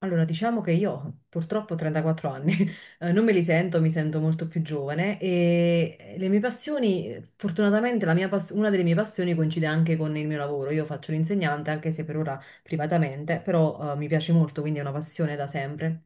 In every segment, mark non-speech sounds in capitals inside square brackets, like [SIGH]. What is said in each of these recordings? Allora, diciamo che io purtroppo ho 34 anni, [LAUGHS] non me li sento, mi sento molto più giovane e le mie passioni, fortunatamente una delle mie passioni coincide anche con il mio lavoro. Io faccio l'insegnante, anche se per ora privatamente, però mi piace molto, quindi è una passione da sempre,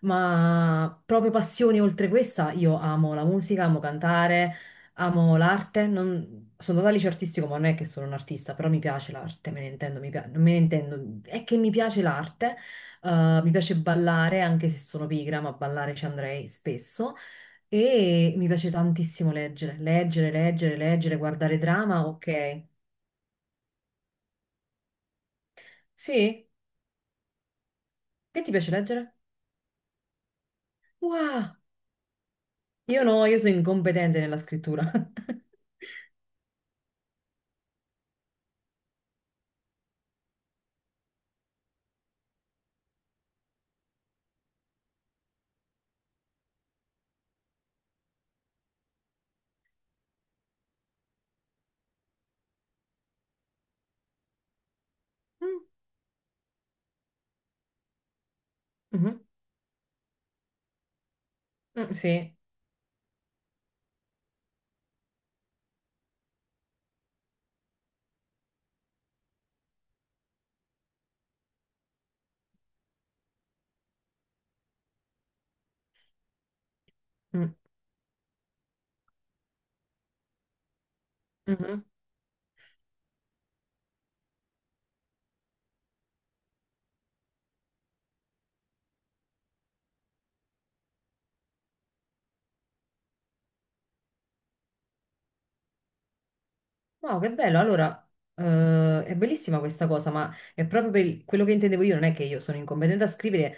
ma proprio passioni oltre questa, io amo la musica, amo cantare, amo l'arte. Sono andata al liceo artistico, ma non è che sono un artista, però mi piace l'arte, me ne intendo, me ne intendo. È che mi piace l'arte, mi piace ballare, anche se sono pigra, ma ballare ci andrei spesso. E mi piace tantissimo leggere, leggere, leggere, leggere, guardare drama, ok. Sì? Che ti piace leggere? Wow! Io no, io sono incompetente nella scrittura. [LAUGHS] Mm, mhm, mm, sì. Mm, mhm. Wow, che bello. Allora, è bellissima questa cosa, ma è proprio quello che intendevo io, non è che io sono incompetente a scrivere,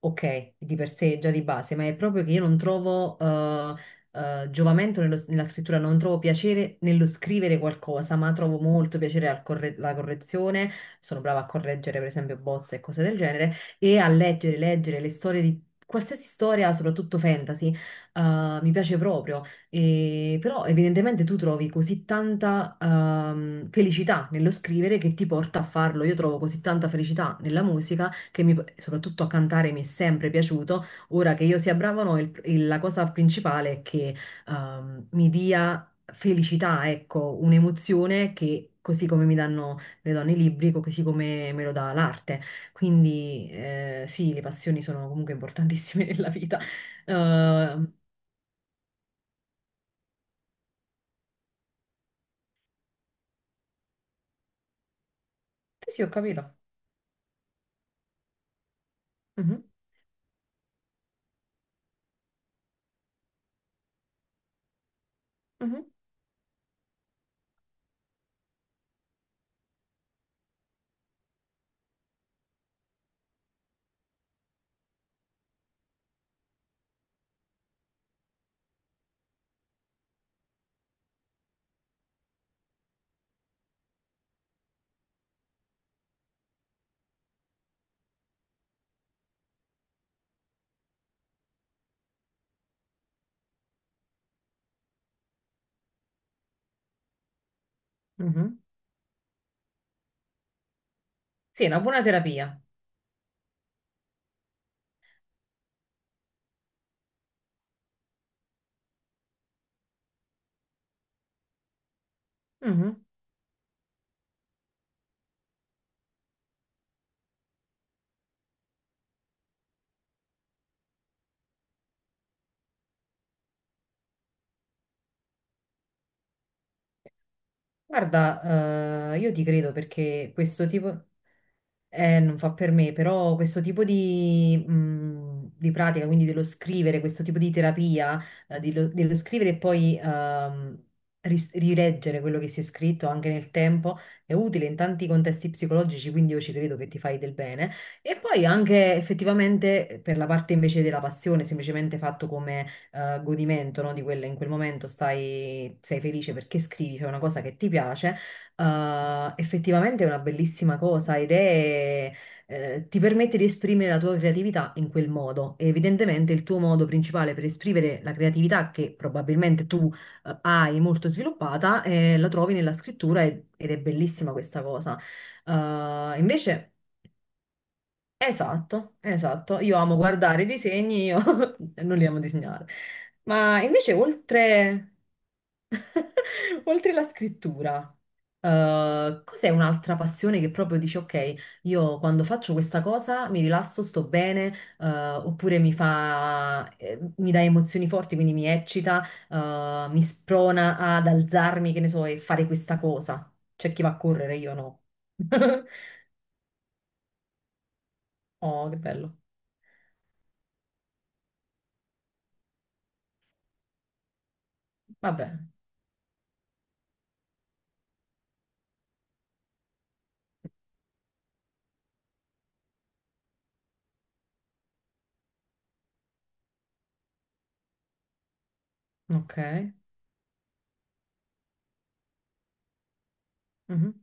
ok, di per sé già di base, ma è proprio che io non trovo giovamento nella scrittura, non trovo piacere nello scrivere qualcosa, ma trovo molto piacere alla correzione. Sono brava a correggere, per esempio, bozze e cose del genere, e a leggere, leggere le storie di qualsiasi storia, soprattutto fantasy, mi piace proprio. E però evidentemente tu trovi così tanta felicità nello scrivere che ti porta a farlo. Io trovo così tanta felicità nella musica soprattutto a cantare mi è sempre piaciuto. Ora che io sia brava o no, la cosa principale è che mi dia felicità, ecco, un'emozione che così come mi danno, me lo danno i libri, così come me lo dà l'arte. Quindi sì, le passioni sono comunque importantissime [LAUGHS] nella vita. Eh, sì, sì, ho capito. Mhm. Mhm, mhm. Sì, è una buona terapia. Mhm. Guarda, io ti credo perché questo tipo... non fa per me, però questo tipo di pratica, quindi dello scrivere, questo tipo di terapia, dello scrivere e poi rileggere quello che si è scritto anche nel tempo, è utile in tanti contesti psicologici, quindi io ci credo che ti fai del bene. E poi anche effettivamente per la parte invece della passione, semplicemente fatto godimento, no, di quella in quel momento stai, sei felice perché scrivi, fai una cosa che ti piace, effettivamente è una bellissima cosa ed è, ti permette di esprimere la tua creatività in quel modo. E evidentemente il tuo modo principale per esprimere la creatività che probabilmente tu hai molto sviluppata, la trovi nella scrittura ed è bellissima questa cosa. Invece... Esatto, esatto. Io amo guardare i disegni, io [LAUGHS] non li amo disegnare. Ma invece, oltre, [LAUGHS] oltre la scrittura, cos'è un'altra passione che proprio dici, ok, io quando faccio questa cosa mi rilasso, sto bene, oppure mi fa, mi dà emozioni forti, quindi mi eccita, mi sprona ad alzarmi, che ne so, e fare questa cosa. C'è chi va a correre, io no. [LAUGHS] Oh, che bello. Vabbè, ok. Mhm.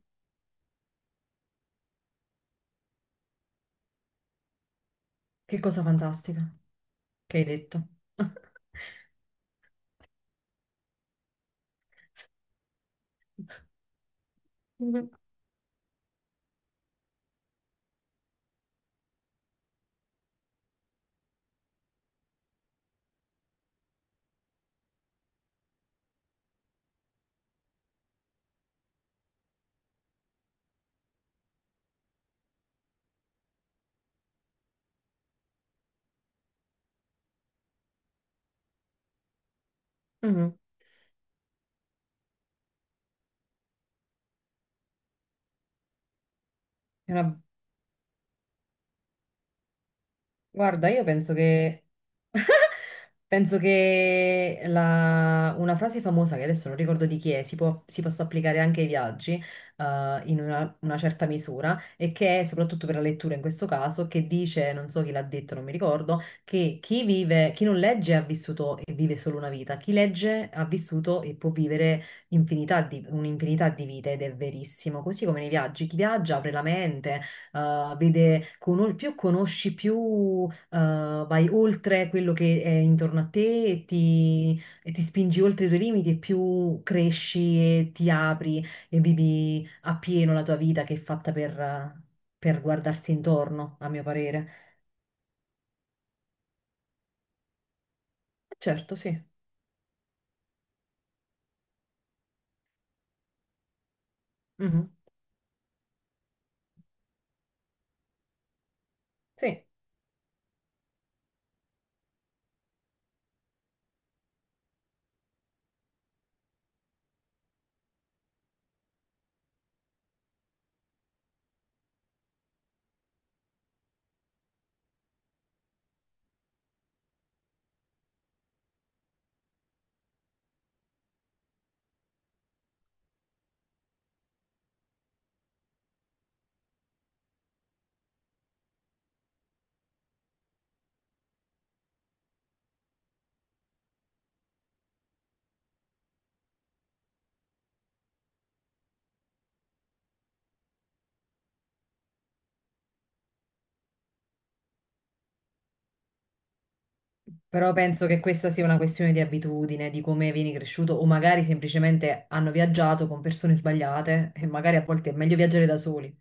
Che cosa fantastica che hai detto. [LAUGHS] Mhm. Mhm. Era... Guarda, io penso che, [LAUGHS] penso che una frase famosa, che adesso non ricordo di chi è, si possa applicare anche ai viaggi, in una certa misura, e che è soprattutto per la lettura in questo caso, che dice, non so chi l'ha detto, non mi ricordo, che chi non legge ha vissuto e vive solo una vita, chi legge ha vissuto e può vivere un'infinità di vite, ed è verissimo. Così come nei viaggi, chi viaggia apre la mente, vede, più conosci, più vai oltre quello che è intorno a te e e ti spingi oltre i tuoi limiti e più cresci e ti apri e vivi appieno la tua vita che è fatta per guardarsi intorno, a mio parere. Certo, sì. Mhm. Sì. Però penso che questa sia una questione di abitudine, di come vieni cresciuto, o magari semplicemente hanno viaggiato con persone sbagliate e magari a volte è meglio viaggiare da soli.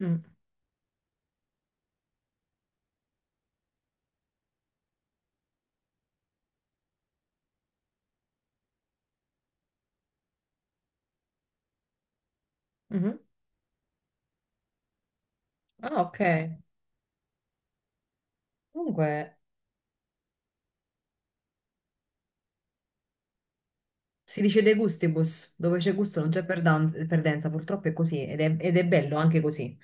Mm. Mhm. Ah, ok. Comunque, si dice de gustibus, dove c'è gusto non c'è perdenza, purtroppo è così ed è bello anche così.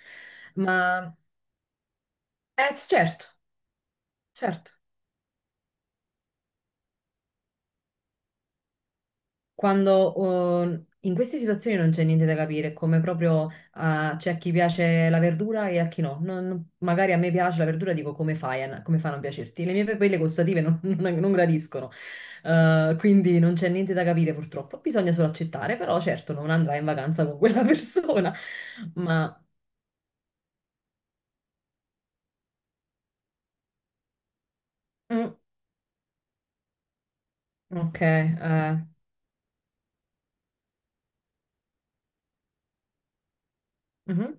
Ma, sì, certo, certo. Quando, oh, in queste situazioni non c'è niente da capire, è come proprio ah, c'è a chi piace la verdura e a chi no. Magari a me piace la verdura, dico come fai a, come fa a non piacerti? Le mie papille gustative non, [LAUGHS] non gradiscono. Quindi non c'è niente da capire purtroppo. Bisogna solo accettare, però certo non andrai in vacanza con quella [LAUGHS] persona, ma... Mm, ok, mhm.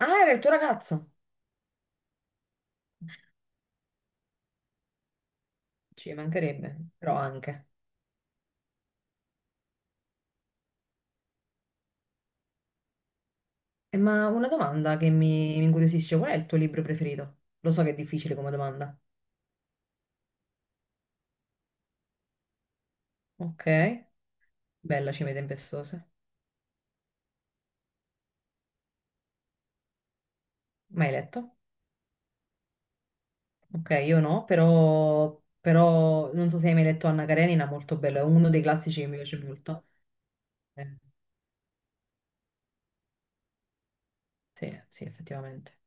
Ah, era il tuo ragazzo? Ci mancherebbe, però anche. Ma una domanda che mi incuriosisce, qual è il tuo libro preferito? Lo so che è difficile come domanda. Ok, bella Cime Tempestose. Mai letto? Ok, io no, però, però non so se hai mai letto Anna Karenina, molto bello, è uno dei classici che mi piace molto. Eh, sì, sì, effettivamente.